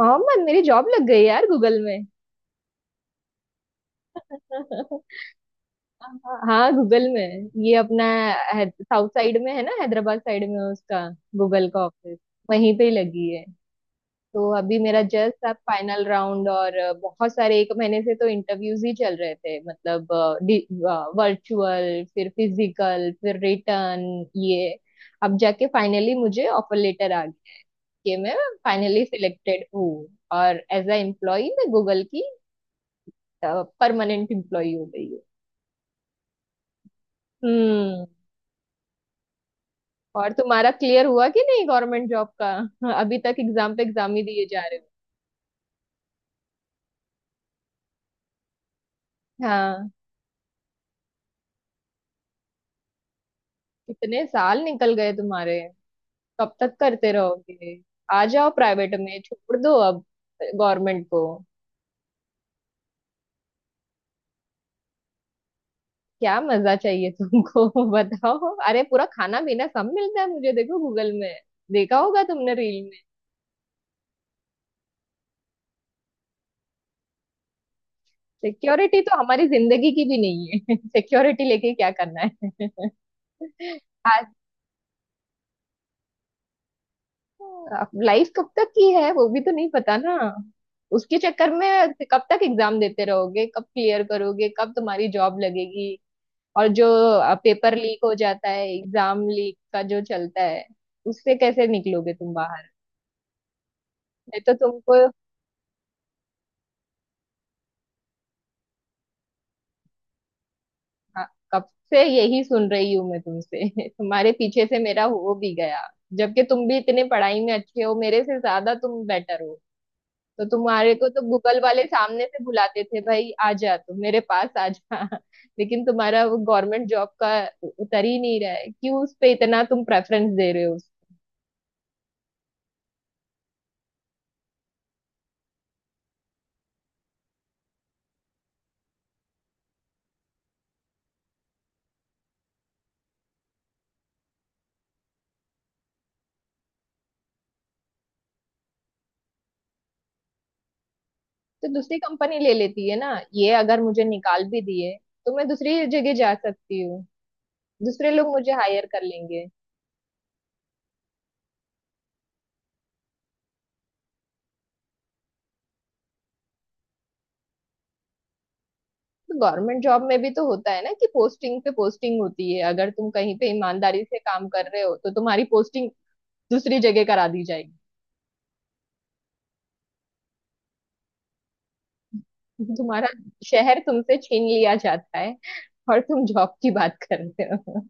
मोहम्मद, मेरी जॉब लग गई यार, गूगल में। हाँ, गूगल में। ये अपना साउथ साइड में है ना, हैदराबाद साइड में है उसका, गूगल का ऑफिस। वहीं पे ही लगी है। तो अभी मेरा जस्ट अब फाइनल राउंड और बहुत सारे, एक महीने से तो इंटरव्यूज ही चल रहे थे मतलब। वर्चुअल, फिर फिजिकल, फिर रिटर्न। ये, अब जाके फाइनली मुझे ऑफर लेटर आ गया कि मैं फाइनली सिलेक्टेड हूँ। और एज अ एम्प्लॉय मैं गूगल की परमानेंट एम्प्लॉय हो गई हो। हम्म। और तुम्हारा क्लियर हुआ कि नहीं, गवर्नमेंट जॉब का? हाँ, अभी तक एग्जाम पे एग्जाम ही दिए जा रहे हो। हाँ, कितने साल निकल गए तुम्हारे, कब तक करते रहोगे? आ जाओ प्राइवेट में, छोड़ दो अब गवर्नमेंट को। क्या मजा चाहिए तुमको? बताओ, अरे पूरा खाना पीना सब मिलता है, मुझे देखो गूगल में। देखा होगा तुमने रील में। सिक्योरिटी तो हमारी जिंदगी की भी नहीं है। सिक्योरिटी लेके क्या करना है? आज अब लाइफ कब तक की है वो भी तो नहीं पता ना, उसके चक्कर में। कब तक एग्जाम देते रहोगे, कब क्लियर करोगे, कब तुम्हारी जॉब लगेगी? और जो पेपर लीक हो जाता है, एग्जाम लीक का जो चलता है, उससे कैसे निकलोगे तुम बाहर? मैं तो तुमको, हाँ, कब से यही सुन रही हूँ मैं तुमसे। तुम्हारे पीछे से मेरा हो भी गया, जबकि तुम भी इतने पढ़ाई में अच्छे हो, मेरे से ज्यादा तुम बेटर हो। तो तुम्हारे को तो गूगल वाले सामने से बुलाते थे, भाई आ जा, तू मेरे पास आ जा। लेकिन तुम्हारा वो गवर्नमेंट जॉब का उतर ही नहीं रहा है। क्यों उस पे इतना तुम प्रेफरेंस दे रहे हो? तो दूसरी कंपनी ले लेती है ना, ये अगर मुझे निकाल भी दिए तो मैं दूसरी जगह जा सकती हूँ, दूसरे लोग मुझे हायर कर लेंगे। तो गवर्नमेंट जॉब में भी तो होता है ना कि पोस्टिंग पे पोस्टिंग होती है। अगर तुम कहीं पे ईमानदारी से काम कर रहे हो तो तुम्हारी पोस्टिंग दूसरी जगह करा दी जाएगी। तुम्हारा शहर तुमसे छीन लिया जाता है और तुम जॉब की बात कर रहे हो।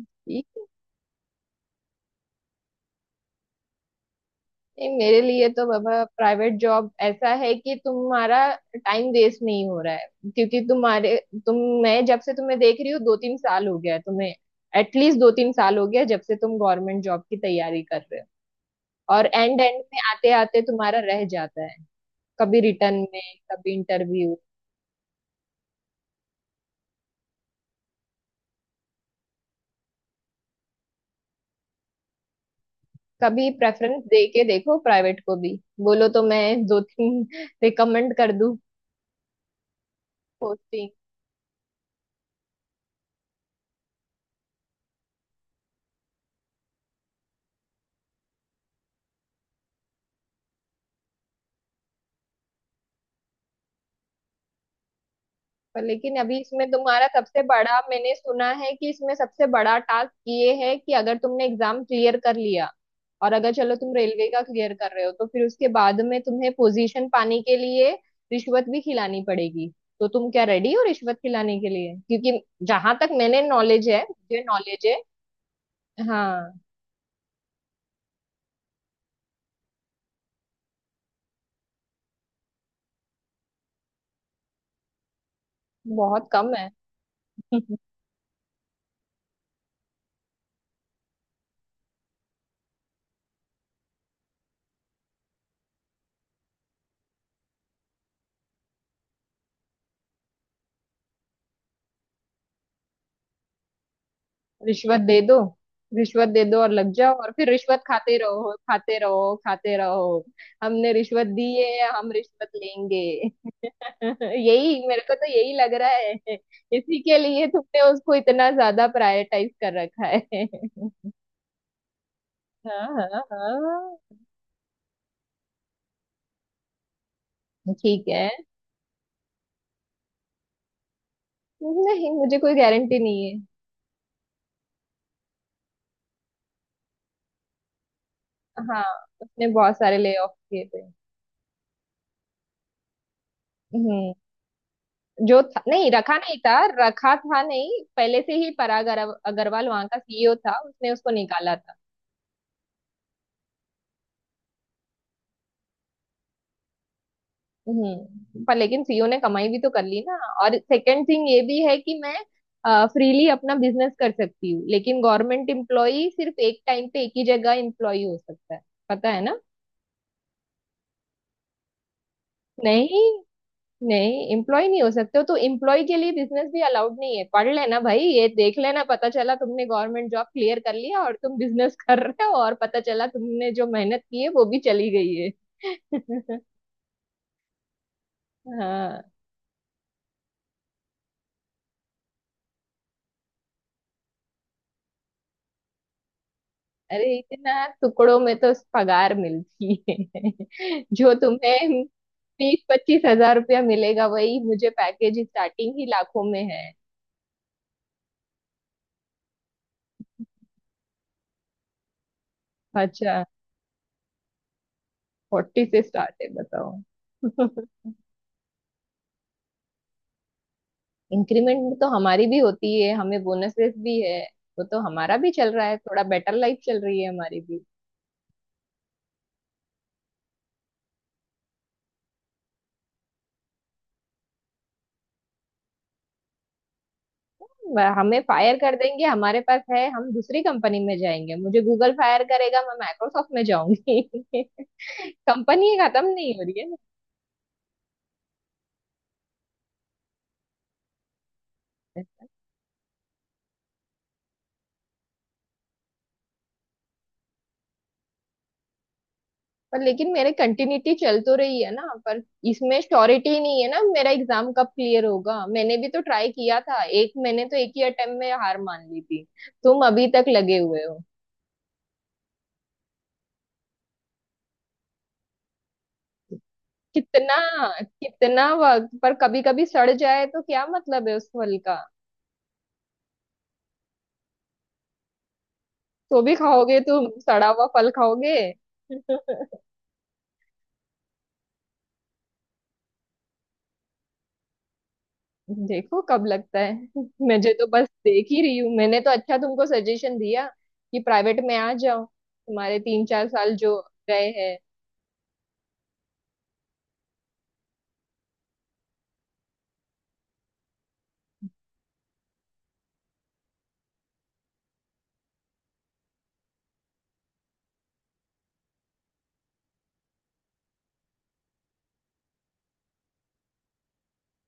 ठीक है, मेरे लिए तो बाबा प्राइवेट जॉब ऐसा है कि तुम्हारा टाइम वेस्ट नहीं हो रहा है। क्योंकि तुम्हारे, तुम, मैं जब से तुम्हें देख रही हूँ, 2-3 साल हो गया है तुम्हें, एटलीस्ट 2-3 साल हो गया जब से तुम गवर्नमेंट जॉब की तैयारी कर रहे हो। और एंड एंड में आते आते तुम्हारा रह जाता है, कभी रिटर्न में, कभी इंटरव्यू। कभी प्रेफरेंस दे के देखो प्राइवेट को भी। बोलो तो मैं दो तीन रिकमेंड कर दूं पोस्टिंग। पर लेकिन अभी इसमें तुम्हारा सबसे बड़ा, मैंने सुना है कि इसमें सबसे बड़ा टास्क ये है कि अगर तुमने एग्जाम क्लियर कर लिया, और अगर चलो तुम रेलवे का क्लियर कर रहे हो, तो फिर उसके बाद में तुम्हें पोजीशन पाने के लिए रिश्वत भी खिलानी पड़ेगी। तो तुम क्या रेडी हो रिश्वत खिलाने के लिए? क्योंकि जहां तक मैंने नॉलेज है, मुझे नॉलेज है। हाँ, बहुत कम है। रिश्वत दे दो, रिश्वत दे दो और लग जाओ और फिर रिश्वत खाते रहो, खाते रहो, खाते रहो। हमने रिश्वत दी है, हम रिश्वत लेंगे। यही मेरे को तो यही लग रहा है, इसी के लिए तुमने उसको इतना ज्यादा प्रायोरिटाइज कर रखा है। हाँ हाँ हाँ, ठीक है। नहीं, मुझे कोई गारंटी नहीं है। हाँ, उसने बहुत सारे ले ऑफ किए थे। हम्म। जो था, नहीं रखा नहीं था, रखा था। नहीं, पहले से ही पराग अग्रवाल वहां का सीईओ था, उसने उसको निकाला था। हम्म, पर लेकिन सीईओ ने कमाई भी तो कर ली ना। और सेकंड थिंग ये भी है कि मैं फ्रीली अपना बिजनेस कर सकती हूँ, लेकिन गवर्नमेंट एम्प्लॉई सिर्फ एक टाइम पे एक ही जगह एम्प्लॉई हो सकता है। पता है ना? नहीं, नहीं एम्प्लॉय नहीं हो सकते हो तो एम्प्लॉय के लिए बिजनेस भी अलाउड नहीं है। पढ़ लेना भाई, ये देख लेना। पता चला तुमने गवर्नमेंट जॉब क्लियर कर लिया और तुम बिजनेस कर रहे हो, और पता चला तुमने जो मेहनत की है वो भी चली गई है। हाँ। अरे इतना टुकड़ों में तो पगार मिलती है जो तुम्हें। 20-25 हज़ार रुपया मिलेगा, वही मुझे पैकेज स्टार्टिंग ही लाखों में है। अच्छा, 40 से स्टार्ट है, बताओ। इंक्रीमेंट तो हमारी भी होती है, हमें बोनसेस भी है। वो तो हमारा भी चल रहा है, थोड़ा बेटर लाइफ चल रही है हमारी भी। हमें फायर कर देंगे हमारे पास है, हम दूसरी कंपनी में जाएंगे। मुझे गूगल फायर करेगा, मैं माइक्रोसॉफ्ट में जाऊंगी। कंपनी खत्म नहीं हो रही है मुझसे। पर लेकिन मेरे कंटिन्यूटी चल तो रही है ना, पर इसमें श्योरिटी नहीं है ना। मेरा एग्जाम कब क्लियर होगा? मैंने भी तो ट्राई किया था, एक मैंने तो एक ही अटेम्प्ट में हार मान ली थी। तुम अभी तक लगे हुए हो। कितना, कितना वक्त? पर कभी कभी सड़ जाए तो क्या मतलब है उस फल का? तो भी खाओगे, तुम सड़ा हुआ फल खाओगे? देखो कब लगता है। मुझे तो बस देख ही रही हूँ। मैंने तो अच्छा तुमको सजेशन दिया कि प्राइवेट में आ जाओ, तुम्हारे 3-4 साल जो गए हैं।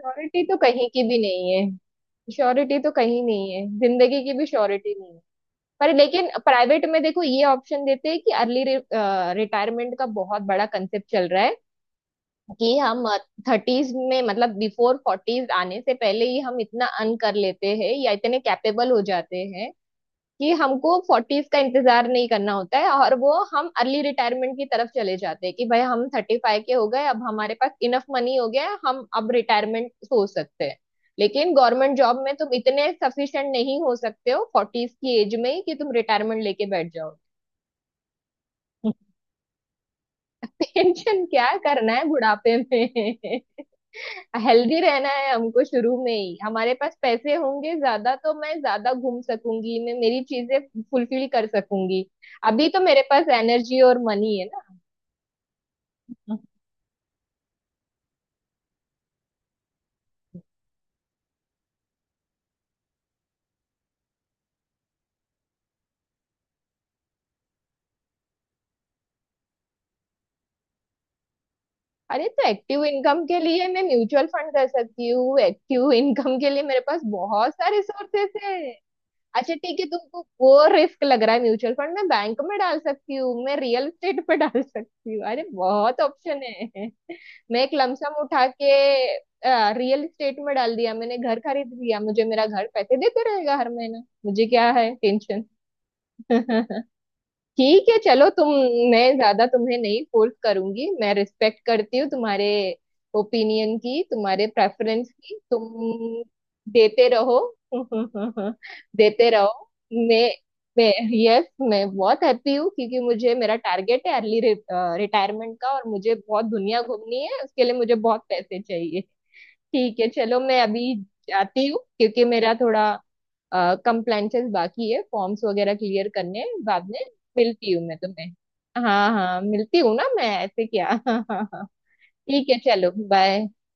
श्योरिटी तो कहीं की भी नहीं है, श्योरिटी तो कहीं नहीं है, जिंदगी की भी श्योरिटी नहीं है। पर लेकिन प्राइवेट में देखो ये ऑप्शन देते हैं कि अर्ली रिटायरमेंट का बहुत बड़ा कंसेप्ट चल रहा है कि हम 30s में, मतलब बिफोर 40s आने से पहले ही, हम इतना अर्न कर लेते हैं या इतने कैपेबल हो जाते हैं कि हमको 40s का इंतजार नहीं करना होता है और वो हम अर्ली रिटायरमेंट की तरफ चले जाते हैं कि भाई हम 35 के हो गए, अब हमारे पास इनफ मनी हो गया है, हम अब रिटायरमेंट सोच सकते हैं। लेकिन गवर्नमेंट जॉब में तुम इतने सफिशिएंट नहीं हो सकते हो 40s की एज में ही कि तुम रिटायरमेंट लेके बैठ जाओ। टेंशन क्या करना है बुढ़ापे में? हेल्दी रहना है हमको, शुरू में ही हमारे पास पैसे होंगे ज्यादा तो मैं ज्यादा घूम सकूंगी, मैं मेरी चीजें फुलफिल कर सकूंगी। अभी तो मेरे पास एनर्जी और मनी है ना। अरे, तो एक्टिव इनकम के लिए मैं म्यूचुअल फंड कर सकती हूँ, एक्टिव इनकम के लिए मेरे पास बहुत सारे सोर्सेस है। अच्छा ठीक है, तुमको वो रिस्क लग रहा है। म्यूचुअल फंड मैं बैंक में डाल सकती हूँ, मैं रियल एस्टेट पे डाल सकती हूँ, अरे बहुत ऑप्शन है। मैं एक लमसम उठा के रियल एस्टेट में डाल दिया, मैंने घर खरीद लिया, मुझे मेरा घर पैसे देते रहेगा हर महीना, मुझे क्या है टेंशन? ठीक है चलो तुम, मैं ज्यादा तुम्हें नहीं फोर्स करूंगी। मैं रिस्पेक्ट करती हूँ तुम्हारे ओपिनियन की, तुम्हारे प्रेफरेंस की, तुम देते रहो। देते रहो। मैं मैं यस, मैं बहुत हैप्पी हूँ क्योंकि मुझे, मेरा टारगेट है अर्ली रिटायरमेंट का और मुझे बहुत दुनिया घूमनी है, उसके लिए मुझे बहुत पैसे चाहिए। ठीक है चलो, मैं अभी जाती हूँ क्योंकि मेरा थोड़ा कंप्लेंसेस बाकी है, फॉर्म्स वगैरह क्लियर करने हैं बाद में। मिलती हूँ मैं तुम्हें। हाँ हाँ, मिलती हूँ ना मैं, ऐसे क्या? हाँ हाँ हाँ, ठीक है चलो बाय।